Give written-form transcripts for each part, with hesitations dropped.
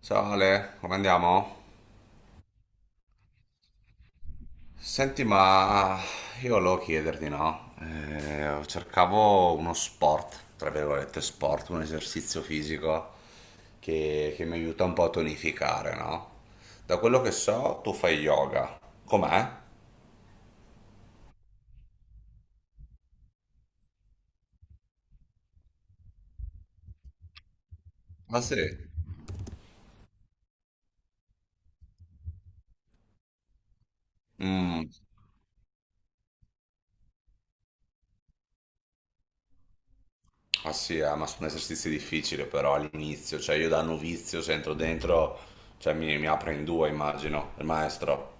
Ciao Ale, come andiamo? Senti, ma io volevo chiederti, no? Cercavo uno sport, tra virgolette sport, un esercizio fisico che mi aiuta un po' a tonificare, no? Da quello che so, tu fai yoga. Com'è? Ah sì? Mm, ah sì, ma sono esercizi difficili però all'inizio, cioè io da novizio se entro dentro, cioè mi apre in due, immagino, il maestro.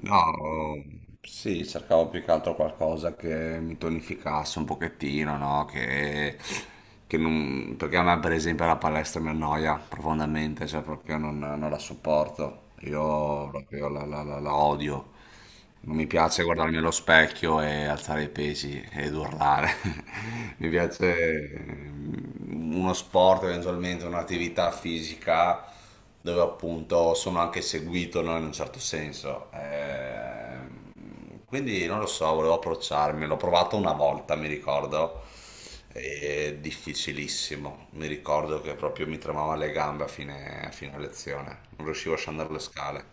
No, sì, cercavo più che altro qualcosa che mi tonificasse un pochettino, no? Che non... Perché a me, per esempio, la palestra mi annoia profondamente, cioè proprio non la sopporto. Io proprio la odio. Non mi piace guardarmi allo specchio e alzare i pesi ed urlare. Mi piace uno sport, eventualmente un'attività fisica dove appunto sono anche seguito, no, in un certo senso. Quindi non lo so, volevo approcciarmi. L'ho provato una volta, mi ricordo. È difficilissimo. Mi ricordo che proprio mi tremavano le gambe a fine lezione. Non riuscivo a scendere le scale.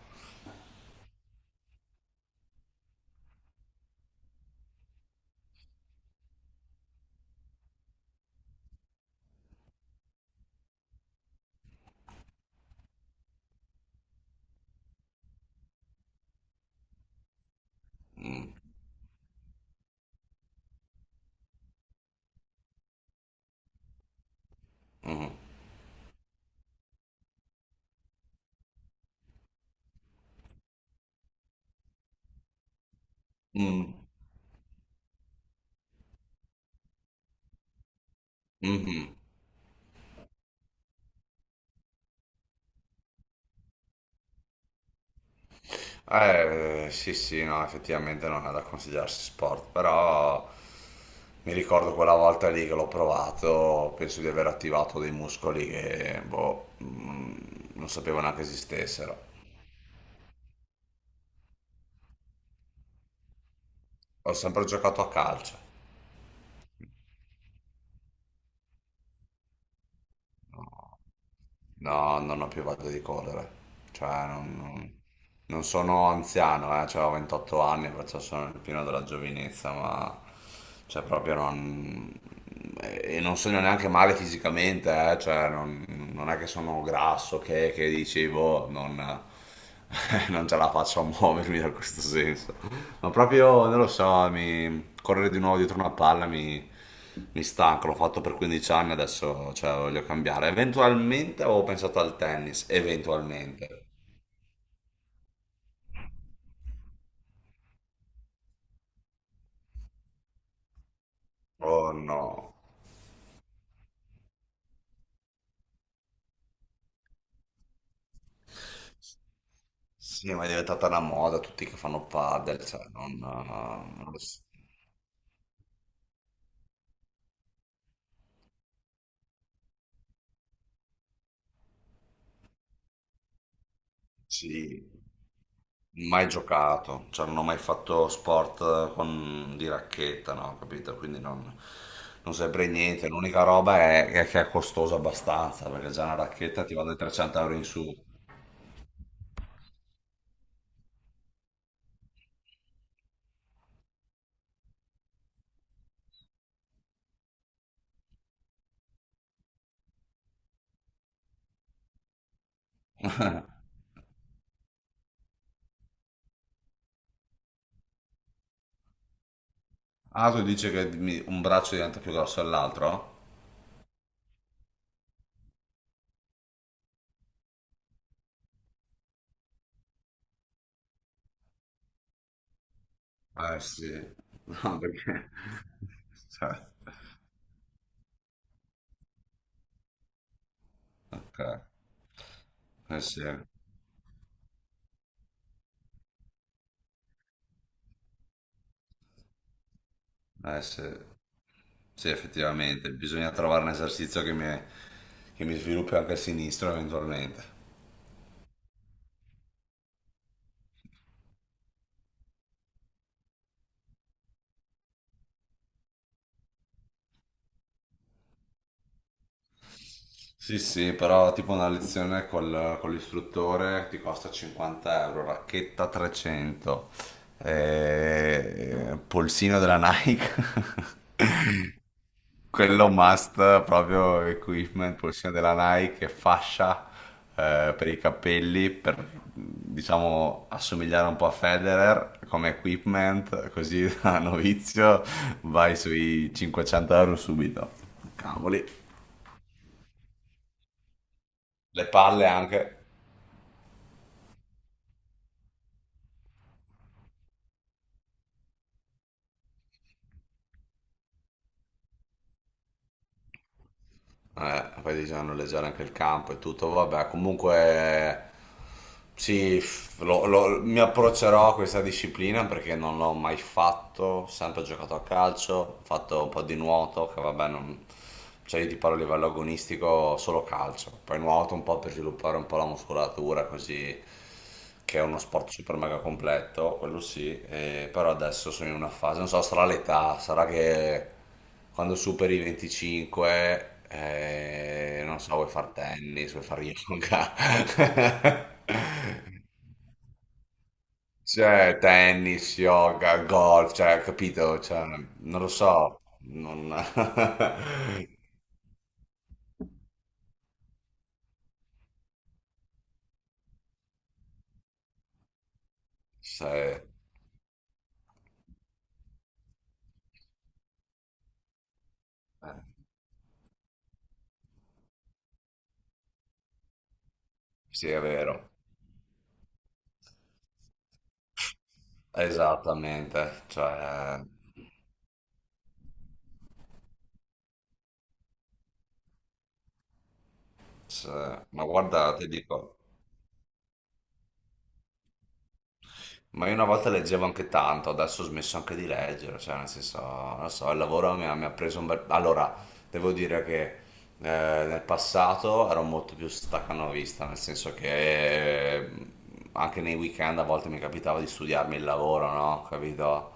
Mm, mm, mm, mhm. Sì, sì, no, effettivamente non è da considerarsi sport, però mi ricordo quella volta lì che l'ho provato, penso di aver attivato dei muscoli che, boh, non sapevo neanche esistessero. Ho sempre giocato a calcio. No. No, non ho più voglia di correre. Cioè, non sono anziano, cioè, ho 28 anni, perciò sono nel pieno della giovinezza, ma cioè, proprio non... E non sono neanche male fisicamente, cioè, non è che sono grasso, che dicevo, non, non ce la faccio a muovermi da questo senso. Ma proprio, non lo so, mi... correre di nuovo dietro una palla mi stanca, l'ho fatto per 15 anni, adesso cioè, voglio cambiare. Eventualmente avevo pensato al tennis, eventualmente. Oh no. Sì, ma è diventata una moda, tutti che fanno padel, cioè, non... non lo so. Sì. Mai giocato, cioè non ho mai fatto sport con, di racchetta, no, capito? Quindi non, non saprei niente. L'unica roba è che è costoso abbastanza, perché già una racchetta ti va dai 300 euro in su. Ah, tu dici che mi- un braccio diventa più grosso dell'altro? Eh sì, no, perché... cioè, ok, eh sì, eh sì, sì, effettivamente, bisogna trovare un esercizio che mi sviluppi anche il sinistro eventualmente. Sì, sì, però tipo una lezione con l'istruttore ti costa 50 euro, racchetta 300, polsino della Nike, quello must, proprio equipment, polsino della Nike, e fascia per i capelli, per diciamo assomigliare un po' a Federer come equipment, così da novizio vai sui 500 euro subito. Cavoli. Le palle anche. Poi bisogna noleggiare anche il campo e tutto, vabbè, comunque sì, mi approccerò a questa disciplina perché non l'ho mai fatto, ho sempre giocato a calcio, ho fatto un po' di nuoto, che vabbè, non, cioè io ti parlo a livello agonistico solo calcio, poi nuoto un po' per sviluppare un po' la muscolatura, così che è uno sport super mega completo, quello sì, però adesso sono in una fase, non so, sarà l'età, sarà che quando superi i 25, non so, vuoi far tennis, vuoi far yoga, cioè tennis, yoga, golf, cioè, capito? Cioè, non lo so, non... Se- eh, sì, è vero. Esattamente, cioè, ma guarda, ti dico, ma io una volta leggevo anche tanto, adesso ho smesso anche di leggere, cioè nel senso, non so, il lavoro mi ha preso un bel... Allora, devo dire che nel passato ero molto più staccanovista, nel senso che anche nei weekend a volte mi capitava di studiarmi il lavoro, no? Capito?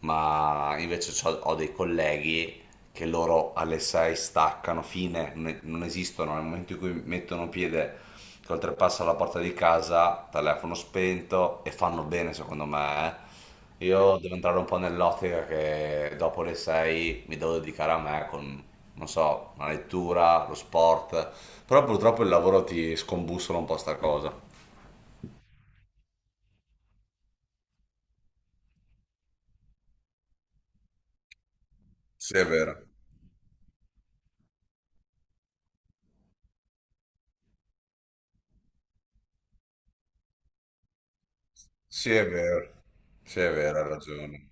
Ma invece ho dei colleghi che loro alle 6 staccano, fine, non esistono, nel momento in cui mettono piede che oltrepassano la porta di casa, telefono spento e fanno bene secondo me, eh. Io devo entrare un po' nell'ottica che dopo le 6 mi devo dedicare a me con, non so, la lettura, lo sport, però purtroppo il lavoro ti scombussola un po' sta cosa. Sì, è vero. Sì, è vero. Sì, è vero, hai ragione.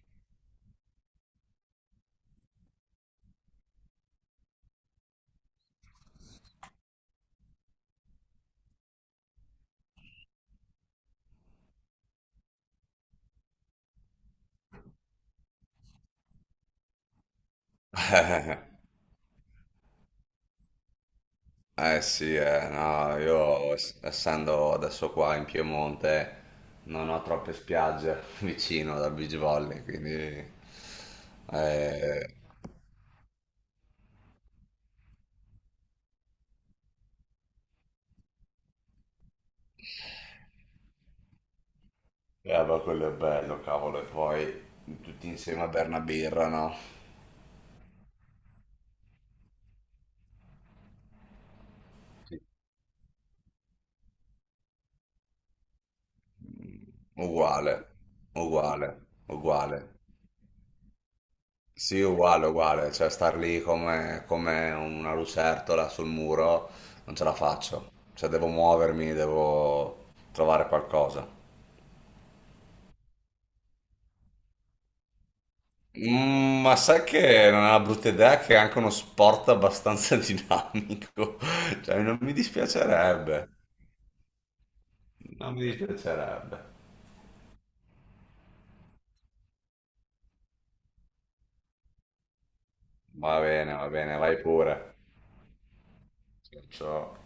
Sì, no, io essendo adesso qua in Piemonte non ho troppe spiagge vicino da beach volley, quindi eh, eh, ma quello è bello, cavolo, e poi tutti insieme a berna birra, no? Sì. Uguale, uguale, uguale. Sì, uguale, uguale, cioè star lì come, come una lucertola sul muro non ce la faccio, cioè devo muovermi, devo trovare qualcosa. Mm, ma sai che non è una brutta idea che è anche uno sport abbastanza dinamico, cioè non mi dispiacerebbe, non mi dispiacerebbe. Va bene, vai pure. Ciao.